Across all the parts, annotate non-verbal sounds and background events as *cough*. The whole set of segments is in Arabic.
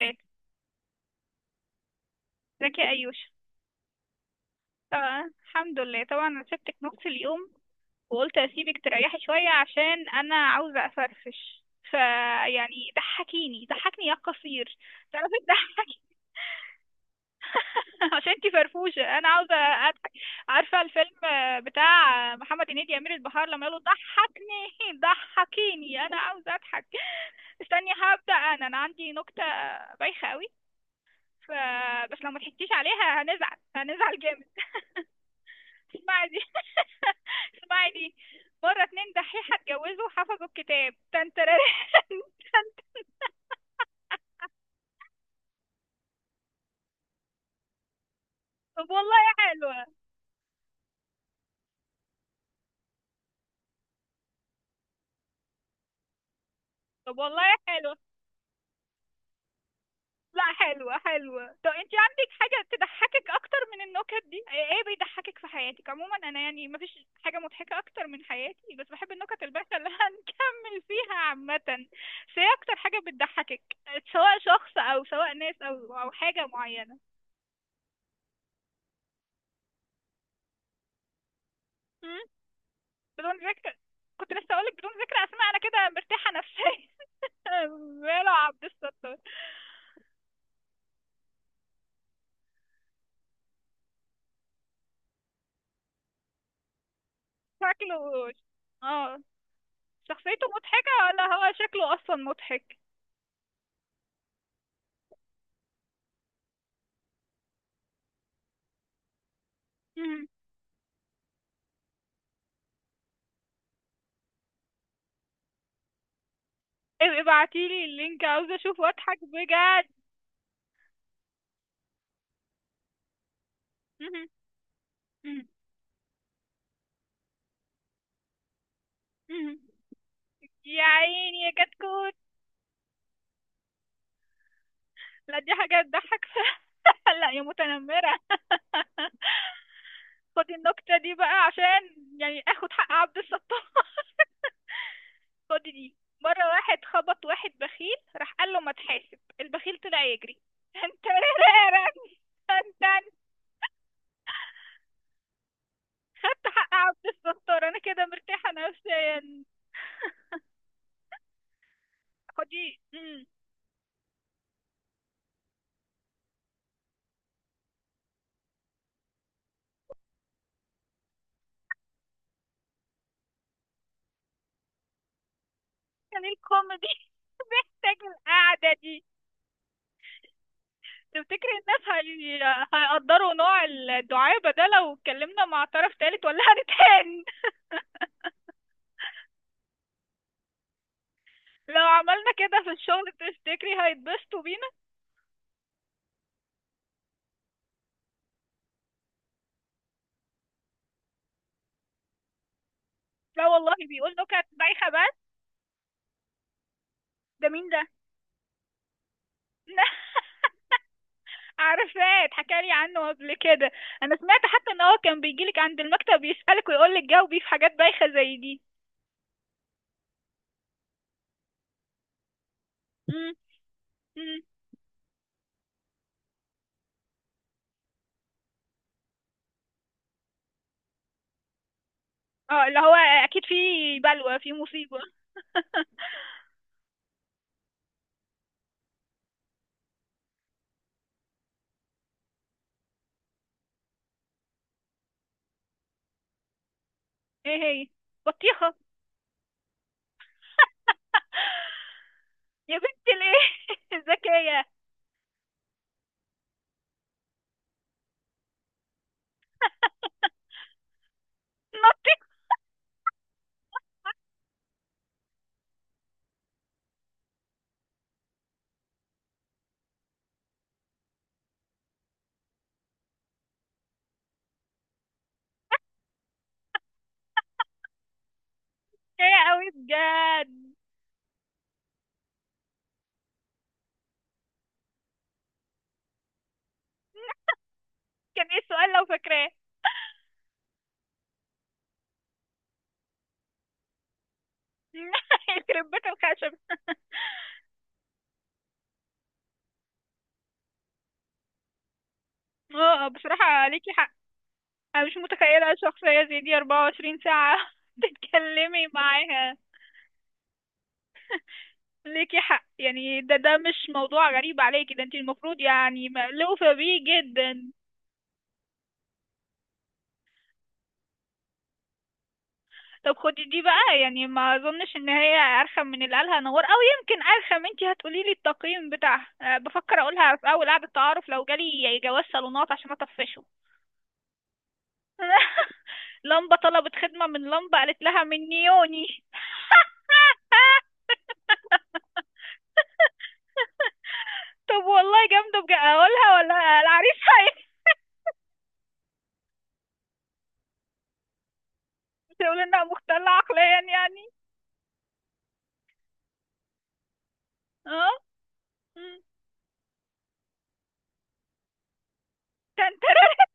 فات زكي أيوش. طبعا الحمد لله، طبعا انا سبتك نص اليوم وقلت اسيبك تريحي شوية عشان انا عاوزة افرفش. فيعني ضحكيني ضحكني يا قصير، تعرفي تضحكي؟ *laughs* عشان انتي فرفوشة انا عاوزة اضحك. عارفة الفيلم بتاع محمد هنيدي، امير البحار، لما يقولوا ضحكني ضحكيني انا عاوزة اضحك؟ استني، هبدأ. انا عندي نكتة بايخة قوي. فبس لو ما ضحكتيش عليها هنزعل هنزعل جامد. اسمعي دي. *laughs* اسمعي دي. مرة اتنين دحيحة اتجوزوا وحفظوا الكتاب تنتراري. *laughs* طب والله حلوة. طب والله حلوة. لا حلوة حلوة. طب انتي عندك حاجة تضحكك اكتر من النكت دي؟ ايه إيه بيضحكك في حياتك عموما؟ انا يعني مفيش حاجة مضحكة اكتر من حياتي بس بحب النكت البشعة اللي *laughs* هنكمل فيها عامة. بس ايه اكتر حاجة بتضحكك، سواء شخص او سواء ناس او حاجة معينة؟ مم؟ بدون ذكر. كنت لسه اقولك بدون ذكر اسماء، انا كده مرتاحة نفسيا. *laughs* ماله عبد الستار؟ شكله اه شخصيته مضحكة ولا هو شكله أصلا مضحك؟ مهم. ابقي ابعتيلي اللينك، عاوزة أشوفه أضحك بجد. مهم. مهم. مهم. يا عيني يا كتكوت. لا دي حاجة تضحك؟ *laughs* لا يا متنمرة. *laughs* خدي النكتة دي بقى عشان يعني اخد حق عبد الستار. فاضي دي؟ مرة واحد خبط واحد بخيل، راح قال له ما تحاسب، البخيل طلع يجري. *laughs* انت مرعبني، انت خدت حق عبد الستار، انا كده مرتاحة نفسيا. *laughs* خدي. مم. كان الكوميدي *laughs* محتاج القعدة دي. تفتكر الناس هي... هيقدروا نوع الدعابة ده لو اتكلمنا مع طرف تالت ولا هنتهان؟ *laughs* لو عملنا كده في الشغل تفتكري هيتبسطوا بينا؟ لا والله بيقول نكت بايخة بس. ده مين ده؟ *laughs* عارفاه، اتحكى لي عنه قبل كده. انا سمعت حتى ان هو كان بيجيلك عند المكتب يسألك ويقول لك جاوبي في حاجات بايخة زي دي. مم. مم. اه اللي هو اكيد في بلوى، في مصيبة. *laughs* ايه هي؟ بطيخة. *laughs* يا بنت الايه *laughs* ذكية. نطيت. ذكية قوي بجد. كان ايه السؤال لو فاكراه؟ *laughs* يخرب بيت الخشب. اه بصراحة عليكي حق، انا مش متخيلة شخصية زي دي 24 ساعة *laughs* تتكلمي معاها. ليكي حق، يعني ده مش موضوع غريب عليكي، ده انت المفروض يعني مألوفة بيه جدا. طب خدي دي بقى، يعني ما اظنش ان هي ارخم من اللي قالها نور، او يمكن ارخم. انت هتقولي لي التقييم بتاعها. بفكر اقولها في اول قعدة تعارف لو جالي جواز صالونات عشان اطفشه. *laughs* لمبة طلبت خدمة من لمبة، قالت لها من نيوني. *laughs* طب والله جامدة بجد، اقولها ولا العريس هيقول *laughs* انها مختلة عقليا يعني؟ اه. مم. تنترى.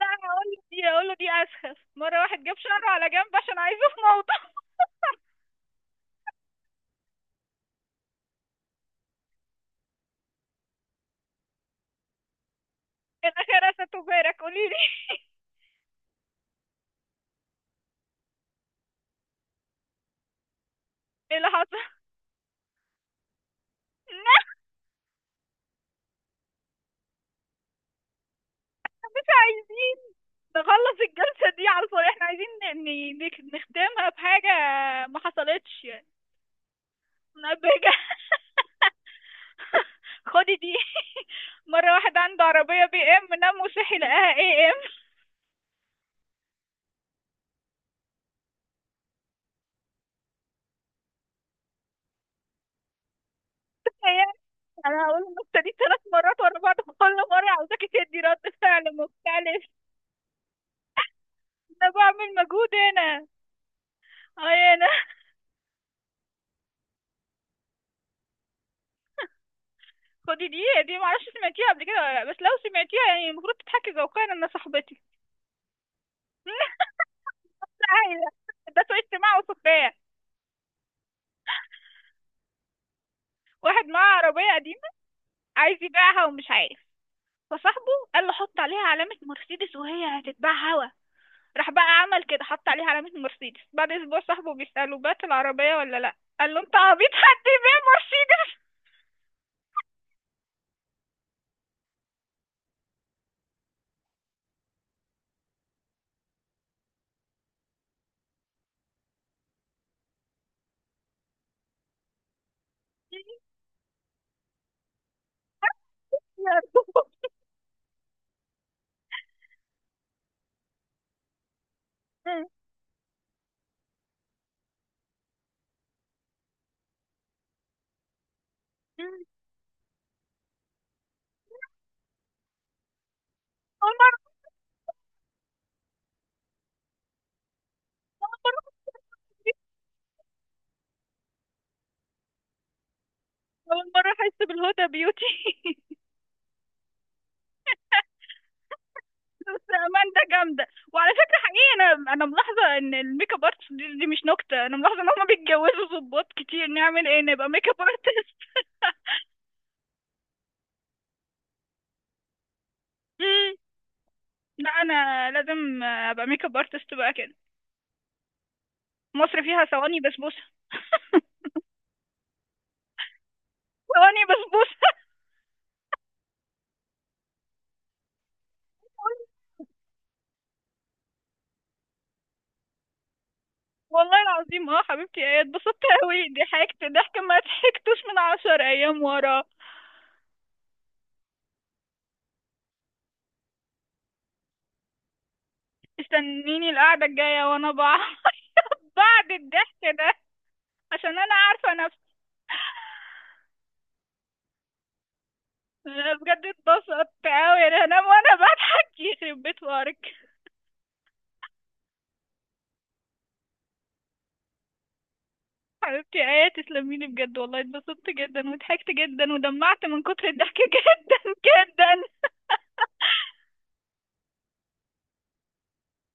لا هقول له دي اسخف. مره واحد جاب شعره على جنب عشان عايزه في موضوع. *laughs* الاخره تبارك قولي لي. *laughs* ايه اللي حصل؟ الناس عايزين نخلص الجلسه دي على الفاضي، احنا عايزين نختمها بحاجه، ما حصلتش يعني، نبهجة. *laughs* خدي دي. مرة واحد عنده عربية بي ام، نام وصحي لقاها اي ام. *laughs* هي. انا هقول النكتة دي 3 مرات ورا بعض، كل مرة عاوزاكي تدي رد فعل مختلف. انا بعمل مجهود هنا، اي انا. خدي دي معرفش سمعتيها قبل كده ولا لا، بس لو سمعتيها يعني المفروض تضحكي ذوقيا ان صاحبتي *laughs* عايزة. ده سوء استماع وسخرية. واحد معاه عربية قديمة عايز يبيعها ومش عارف، فصاحبه قال له حط عليها علامة مرسيدس وهي هتتباع هوا. راح بقى عمل كده، حط عليها علامة مرسيدس. بعد اسبوع صاحبه بيسأله، بات العربية ولا لا؟ قال له انت عبيط، حد يبيع مرسيدس؟ *laughs* اول مرة، اول مرة، اول مرة احس بالهدى بيوتي. *laughs* بس اماندا جامده. وعلى فكره حقيقي انا ملاحظه ان الميك اب ارتست، دي مش نكته، انا ملاحظه ان هم بيتجوزوا ظباط كتير. نعمل ايه نبقى ميك اب ارتست. مم. لا انا لازم ابقى ميك اب ارتست بقى كده. مصر فيها ثواني بسبوسه. ثواني بسبوسه. *laughs* والله العظيم. اه حبيبتي، ايه اتبسطت قوي، ضحكت ضحك ما ضحكتوش من 10 ايام ورا. استنيني القعده الجايه وانا *laughs* بعد الضحك ده عشان انا عارفه. انا بجد اتبسطت قوي يعني هنام وانا بضحك يخرب بيت وارك. حبيبتي ايه تسلمي لي بجد، والله اتبسطت جدا وضحكت جدا ودمعت من كتر الضحك *laughs* جدا جدا.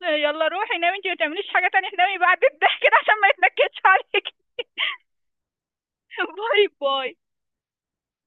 يلا روحي نامي، انتي ما تعمليش حاجة تانية، نامي بعد الضحك ده عشان ما يتنكدش عليك. *laughs* باي باي.